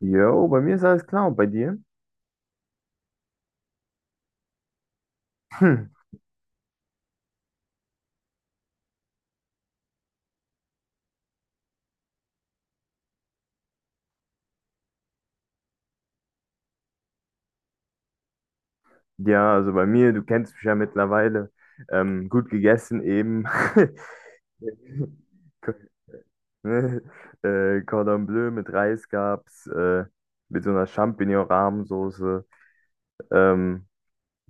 Jo, bei mir ist alles klar und bei dir? Hm. Ja, also bei mir, du kennst mich ja mittlerweile. Gut gegessen eben. Ne? Cordon Bleu mit Reis gab's, mit so einer Champignon-Rahmensoße. Ähm,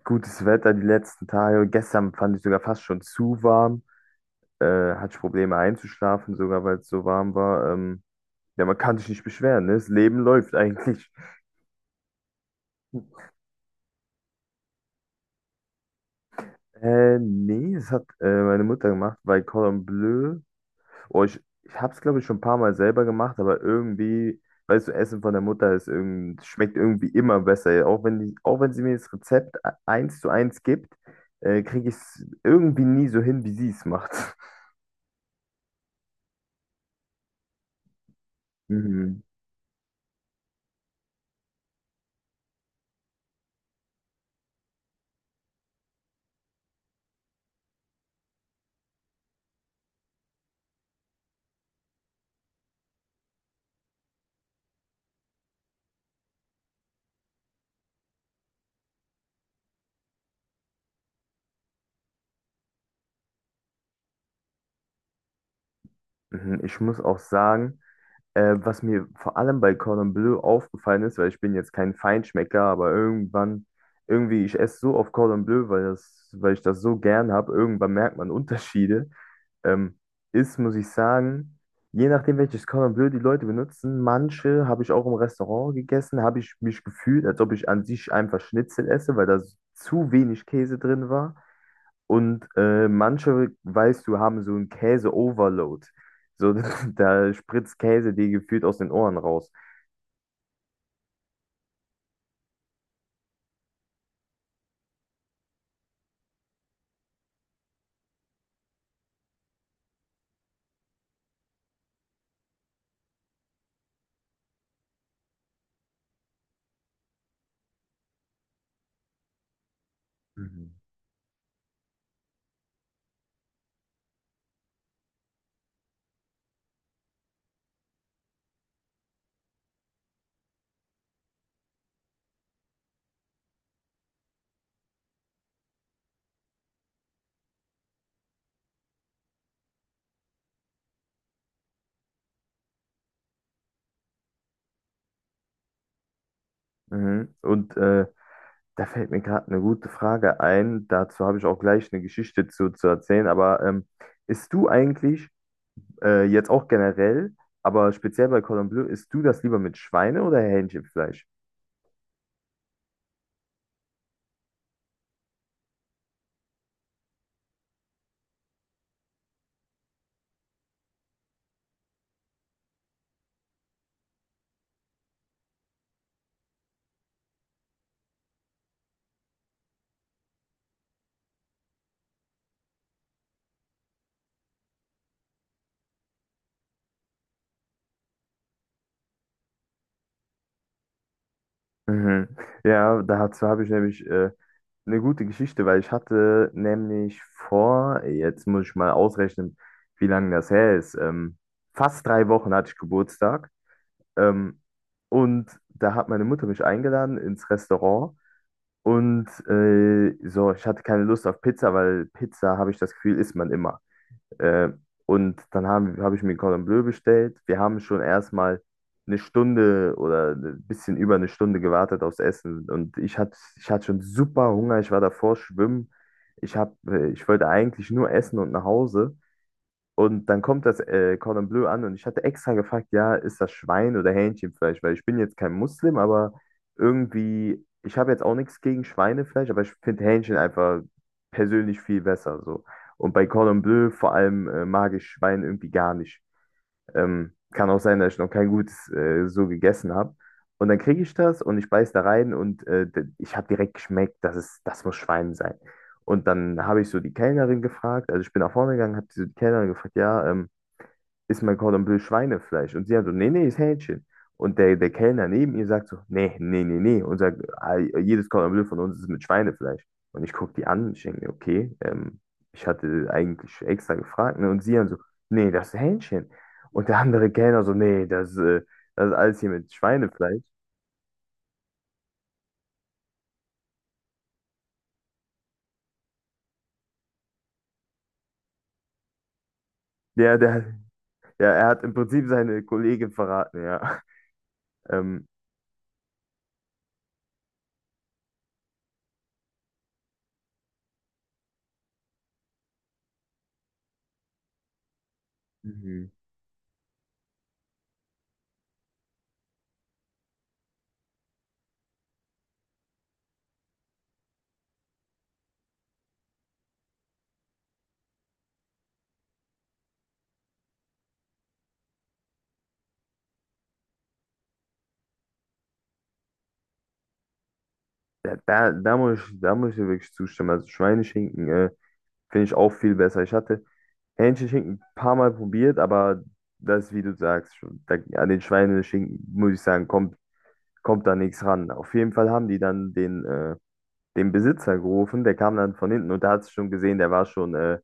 Gutes Wetter die letzten Tage. Gestern fand ich sogar fast schon zu warm. Äh, Hatte ich Probleme einzuschlafen, sogar weil es so warm war. Ja, man kann sich nicht beschweren, ne? Das Leben läuft eigentlich. Nee, das hat meine Mutter gemacht, weil Cordon Bleu, oh, ich hab's glaube ich schon ein paar Mal selber gemacht, aber irgendwie, weißt du, Essen von der Mutter ist irgend, schmeckt irgendwie immer besser. Ja, auch wenn die, auch wenn sie mir das Rezept eins zu eins gibt, kriege ich es irgendwie nie so hin, wie sie es macht. Mhm. Mhm. Ich muss auch sagen, was mir vor allem bei Cordon Bleu aufgefallen ist, weil ich bin jetzt kein Feinschmecker, aber irgendwann, irgendwie, ich esse so oft Cordon Bleu, weil das, weil ich das so gern habe, irgendwann merkt man Unterschiede. Ähm, Ist, muss ich sagen, je nachdem, welches Cordon Bleu die Leute benutzen, manche habe ich auch im Restaurant gegessen, habe ich mich gefühlt, als ob ich an sich einfach Schnitzel esse, weil da zu wenig Käse drin war. Und manche, weißt du, haben so einen Käse-Overload. So, da spritzt Käse dir gefühlt aus den Ohren raus. Mhm. Mhm. Und da fällt mir gerade eine gute Frage ein. Dazu habe ich auch gleich eine Geschichte zu erzählen. Aber isst du eigentlich jetzt auch generell, aber speziell bei Cordon Bleu, isst du das lieber mit Schweine- oder Hähnchenfleisch? Mhm. Ja, dazu habe ich nämlich eine gute Geschichte, weil ich hatte nämlich vor, jetzt muss ich mal ausrechnen, wie lange das her ist. Fast drei Wochen hatte ich Geburtstag. Ähm, und da hat meine Mutter mich eingeladen ins Restaurant. Und so, ich hatte keine Lust auf Pizza, weil Pizza, habe ich das Gefühl, isst man immer. Äh, und habe ich mir Cordon Bleu bestellt. Wir haben schon erstmal eine Stunde oder ein bisschen über eine Stunde gewartet aufs Essen. Und ich hatte schon super Hunger. Ich war davor schwimmen. Ich wollte eigentlich nur essen und nach Hause. Und dann kommt das Cordon Bleu an und ich hatte extra gefragt, ja, ist das Schwein oder Hähnchenfleisch? Weil ich bin jetzt kein Muslim, aber irgendwie, ich habe jetzt auch nichts gegen Schweinefleisch, aber ich finde Hähnchen einfach persönlich viel besser so. Und bei Cordon Bleu vor allem mag ich Schwein irgendwie gar nicht. Kann auch sein, dass ich noch kein gutes so gegessen habe. Und dann kriege ich das und ich beiß da rein und ich habe direkt geschmeckt, das muss Schwein sein. Und dann habe ich so die Kellnerin gefragt, also ich bin nach vorne gegangen, habe so die Kellnerin gefragt, ja, ist mein Cordon Bleu Schweinefleisch? Und sie hat so, nee, nee, ist Hähnchen. Und der Kellner neben ihr sagt so, nee, nee, nee, nee. Und sagt, "Ah, jedes Cordon Bleu von uns ist mit Schweinefleisch. Und ich gucke die an und ich denke mir, okay, ich hatte eigentlich extra gefragt. Ne? Und sie dann so, nee, das ist Hähnchen. Und der andere Kellner so, nee, das ist alles hier mit Schweinefleisch. Ja, der, ja, er hat im Prinzip seine Kollegin verraten, ja. Ähm, Mhm. Da muss ich, da muss ich dir wirklich zustimmen. Also Schweineschinken, finde ich auch viel besser. Ich hatte Hähnchenschinken Schinken ein paar Mal probiert, aber das, wie du sagst, schon, da, an den Schweineschinken, muss ich sagen, kommt da nichts ran. Auf jeden Fall haben die dann den Besitzer gerufen, der kam dann von hinten und da hat es schon gesehen,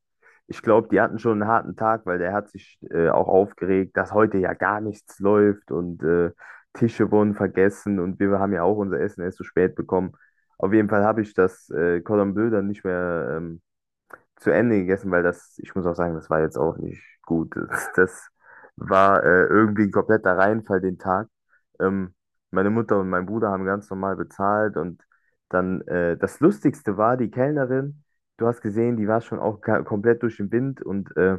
ich glaube, die hatten schon einen harten Tag, weil der hat sich auch aufgeregt, dass heute ja gar nichts läuft und Tische wurden vergessen und wir haben ja auch unser Essen erst so spät bekommen. Auf jeden Fall habe ich das Cordon Bleu dann nicht mehr, zu Ende gegessen, weil das, ich muss auch sagen, das war jetzt auch nicht gut. Das war irgendwie ein kompletter Reinfall den Tag. Ähm, Meine Mutter und mein Bruder haben ganz normal bezahlt und dann das Lustigste war, die Kellnerin, du hast gesehen, die war schon auch komplett durch den Wind und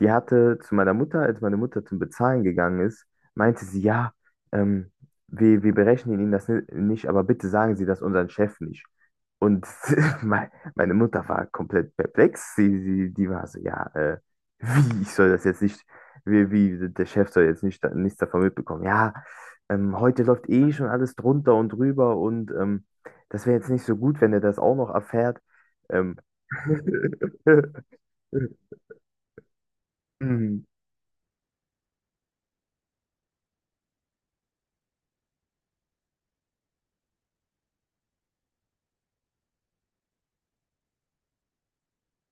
die hatte zu meiner Mutter, als meine Mutter zum Bezahlen gegangen ist, meinte sie, ja, ähm, wir berechnen Ihnen das nicht, aber bitte sagen Sie das unseren Chef nicht. Und me- meine Mutter war komplett perplex. Die war so, ja, wie, ich soll das jetzt nicht, wie, der Chef soll jetzt nicht, nichts davon mitbekommen. Ja, heute läuft eh schon alles drunter und drüber und das wäre jetzt nicht so gut, wenn er das auch noch erfährt. Ähm. Mhm,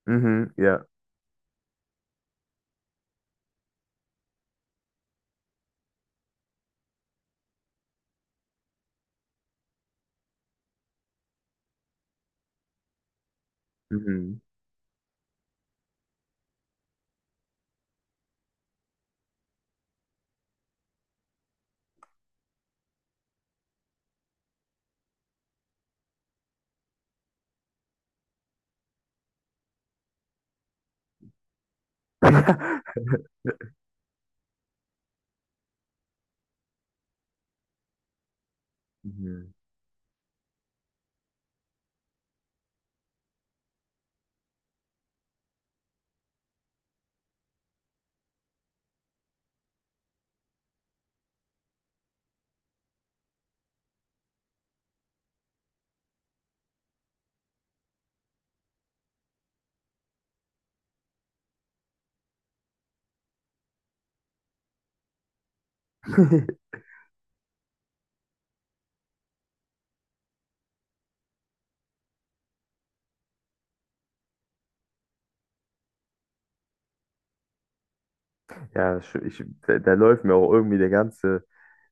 mhm, ja. Mhm. Mhm. Ich, da läuft mir auch irgendwie der ganze,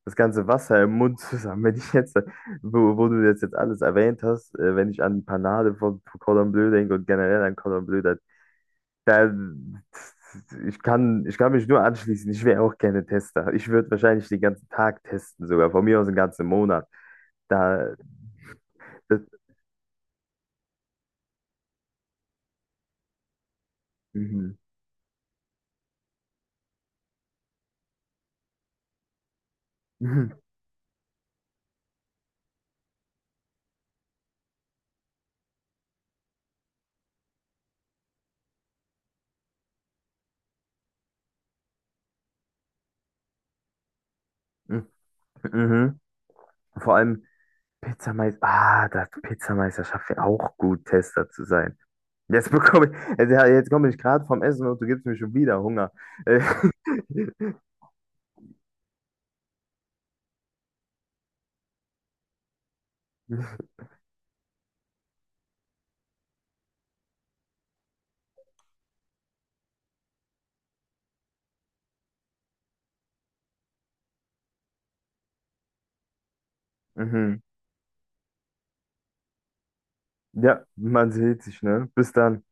das ganze Wasser im Mund zusammen. Wenn ich jetzt, Wo, wo du das jetzt alles erwähnt hast, wenn ich an Panade von Cordon Bleu denke und generell an Cordon Bleu, da, ich kann mich nur anschließen. Ich wäre auch gerne Tester. Ich würde wahrscheinlich den ganzen Tag testen, sogar von mir aus den ganzen Monat. Da, das, mhm. Mhm. Mhm. Vor allem das Pizzameisterschaft wäre auch gut, Tester zu sein. Jetzt bekomme ich, jetzt, ja, Jetzt komme ich gerade vom Essen und du gibst mir schon wieder Hunger. Äh, Mhm. Ja, man sieht sich, ne? Bis dann.